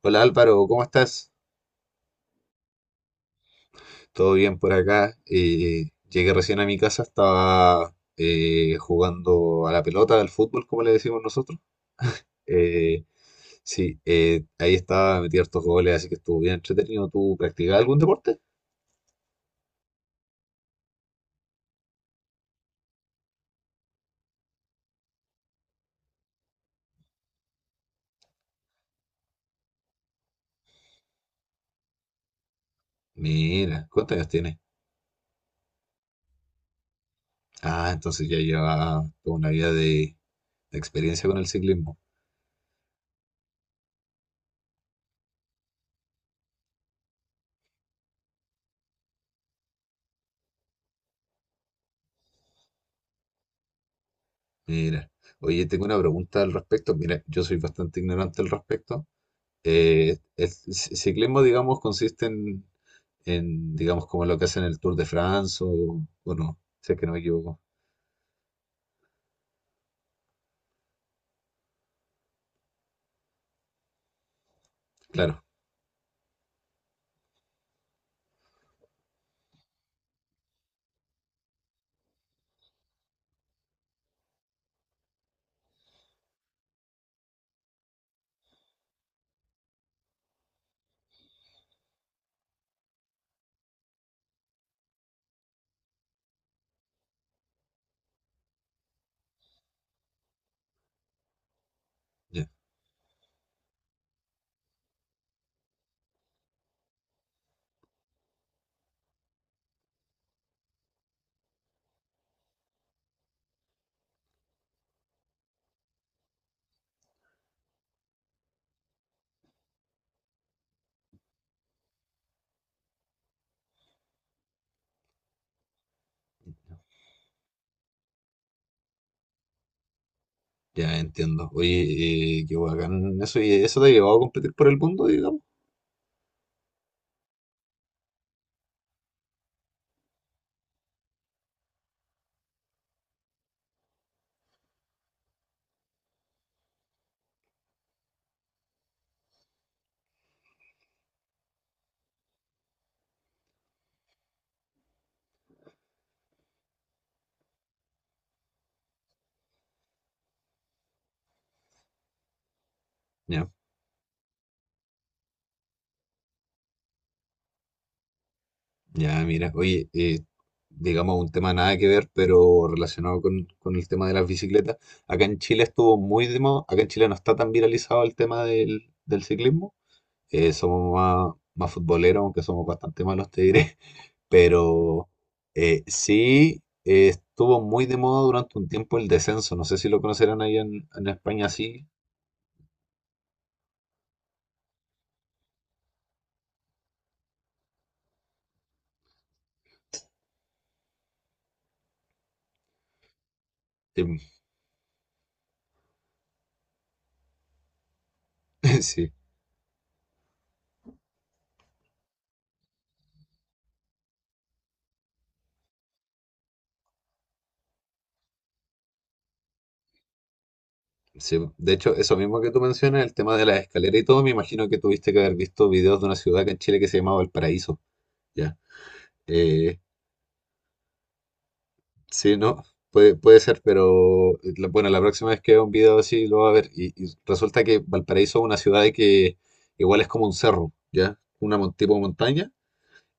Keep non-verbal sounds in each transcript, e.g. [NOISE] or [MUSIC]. Hola Álvaro, ¿cómo estás? Todo bien por acá. Llegué recién a mi casa, estaba jugando a la pelota, al fútbol, como le decimos nosotros. Eh, sí, Ahí estaba, metí hartos goles, así que estuvo bien entretenido. ¿Tú practicabas algún deporte? Mira, ¿cuántos años tienes? Ah, entonces ya lleva toda una vida de experiencia con el ciclismo. Mira, oye, tengo una pregunta al respecto. Mira, yo soy bastante ignorante al respecto. Ciclismo, digamos, consiste en, digamos, como lo que hacen en el Tour de France, o no, sé que no me equivoco. Claro, ya, ya entiendo. Oye, qué bacán eso, y eso te ha llevado a competir por el mundo, digamos. Ya, ya, mira, oye, digamos, un tema nada que ver, pero relacionado con el tema de las bicicletas. Acá en Chile estuvo muy de moda, acá en Chile no está tan viralizado el tema del ciclismo. Somos más futboleros, aunque somos bastante malos, te diré. Pero sí estuvo muy de moda durante un tiempo el descenso. No sé si lo conocerán ahí en España, sí. Em, [LAUGHS] Sí, sí. De hecho, eso mismo que tú mencionas, el tema de la escalera y todo, me imagino que tuviste que haber visto videos de una ciudad acá en Chile que se llamaba El Paraíso. Ya. Eh, sí, no. Puede, puede ser, pero bueno, la próxima vez que vea un video así lo va a ver. Y resulta que Valparaíso es una ciudad que igual es como un cerro, ¿ya? Una tipo montaña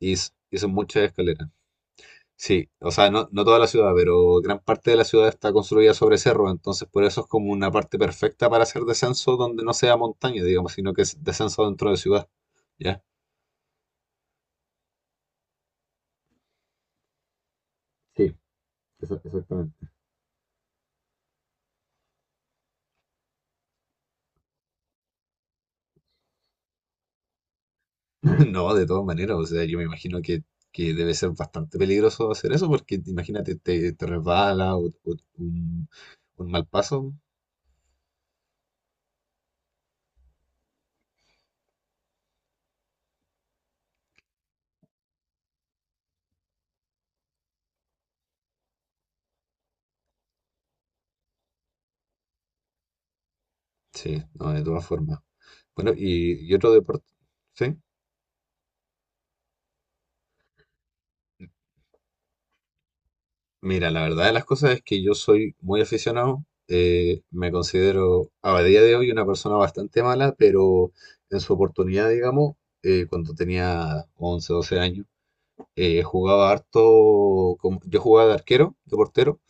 y, y son muchas escaleras. Sí, o sea, no, no toda la ciudad, pero gran parte de la ciudad está construida sobre cerro, entonces por eso es como una parte perfecta para hacer descenso donde no sea montaña, digamos, sino que es descenso dentro de ciudad, ¿ya? Sí, exactamente. [LAUGHS] No, de todas maneras, o sea, yo me imagino que debe ser bastante peligroso hacer eso, porque imagínate, te resbala, o un, un mal paso. Sí, no, de todas formas. Bueno, y otro deporte, ¿sí? Mira, la verdad de las cosas es que yo soy muy aficionado. Me considero a día de hoy una persona bastante mala, pero en su oportunidad, digamos, cuando tenía 11, 12 años, jugaba harto, yo jugaba de arquero, de portero,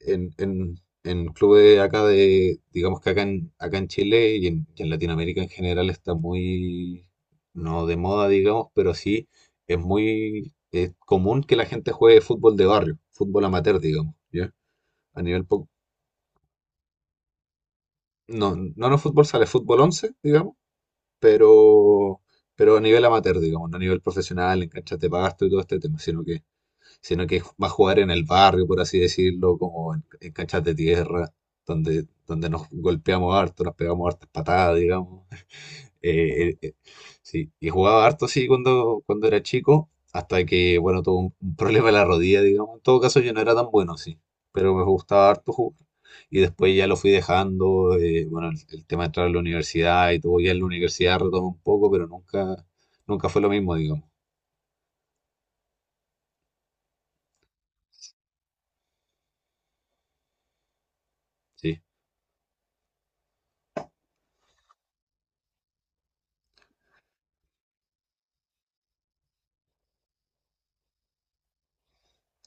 en clubes acá de, digamos que acá acá en Chile y y en Latinoamérica en general está muy, no de moda, digamos, pero sí es muy común que la gente juegue fútbol de barrio, fútbol amateur, digamos, ¿ya? A nivel, no, no, no fútbol sale, fútbol 11 digamos, pero, pero a nivel amateur, digamos, no a nivel profesional, en canchas de pasto y todo este tema, sino que va a jugar en el barrio, por así decirlo, como en canchas de tierra, donde nos golpeamos harto, nos pegamos hartas patadas, digamos. [LAUGHS] Eh, eh, eh, sí, y jugaba harto sí cuando era chico, hasta que, bueno, tuve un problema en la rodilla, digamos. En todo caso, yo no era tan bueno, sí, pero me gustaba harto jugar. Y después ya lo fui dejando, bueno, el tema de entrar a la universidad y todo, ya en la universidad retomé un poco, pero nunca, nunca fue lo mismo, digamos. Sí.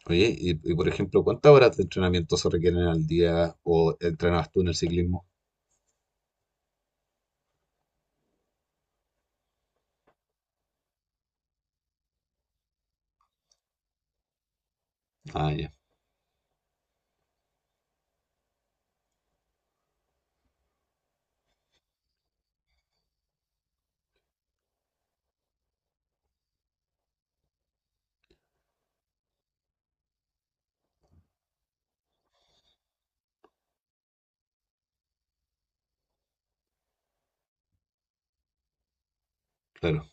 Oye, y, por ejemplo, ¿cuántas horas de entrenamiento se requieren al día o entrenabas tú en el ciclismo? Ah, ya, claro.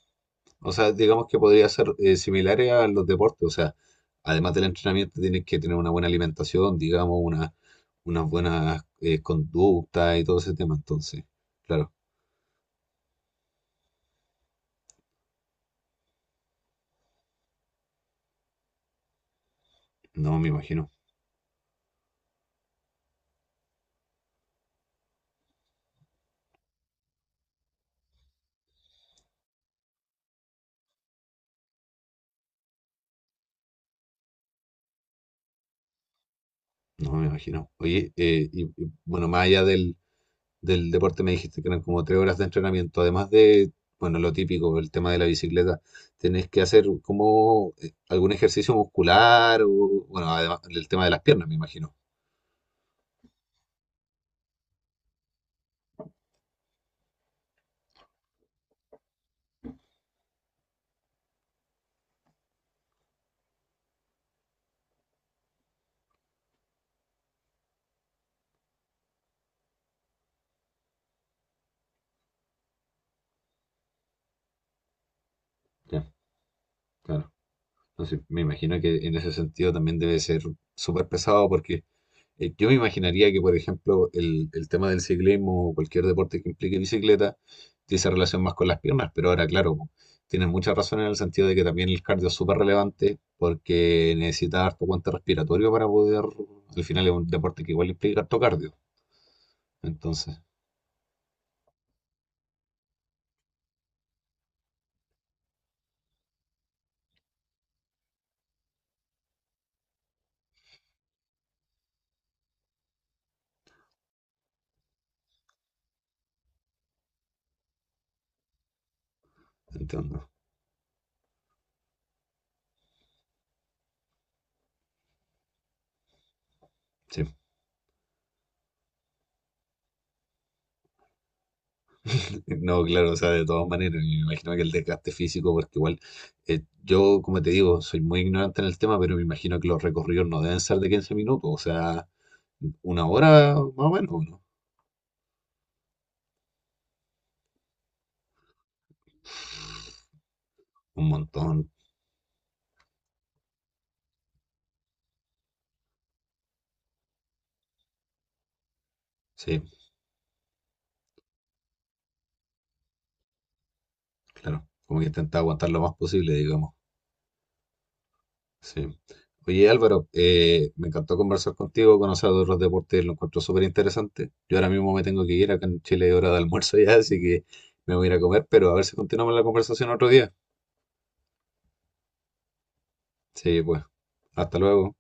O sea, digamos que podría ser similares a los deportes. O sea, además del entrenamiento tienes que tener una buena alimentación, digamos, una, unas buenas conductas y todo ese tema. Entonces, claro, no me imagino, no me imagino. Oye, y, bueno, más allá del deporte me dijiste que eran como tres horas de entrenamiento, además de, bueno, lo típico, el tema de la bicicleta, tenés que hacer como algún ejercicio muscular o, bueno, además el tema de las piernas, me imagino. Ya, claro. Entonces, me imagino que en ese sentido también debe ser súper pesado porque yo me imaginaría que, por ejemplo, el tema del ciclismo o cualquier deporte que implique bicicleta tiene esa relación más con las piernas, pero ahora, claro, po, tienen mucha razón en el sentido de que también el cardio es súper relevante porque necesita harto aguante respiratorio para poder, al final es un deporte que igual implica harto cardio. Entonces, entiendo. Sí. No, claro, o sea, de todas maneras, me imagino que el desgaste físico, porque igual yo, como te digo, soy muy ignorante en el tema, pero me imagino que los recorridos no deben ser de 15 minutos, o sea, una hora más o menos, ¿no? Un montón, sí, claro, como que intentar aguantar lo más posible, digamos, sí. Oye, Álvaro, me encantó conversar contigo, conocer de otros deportes, lo encuentro súper interesante. Yo ahora mismo me tengo que ir, acá en Chile es hora de almuerzo ya, así que me voy a ir a comer, pero a ver si continuamos la conversación otro día. Sí, pues, hasta luego.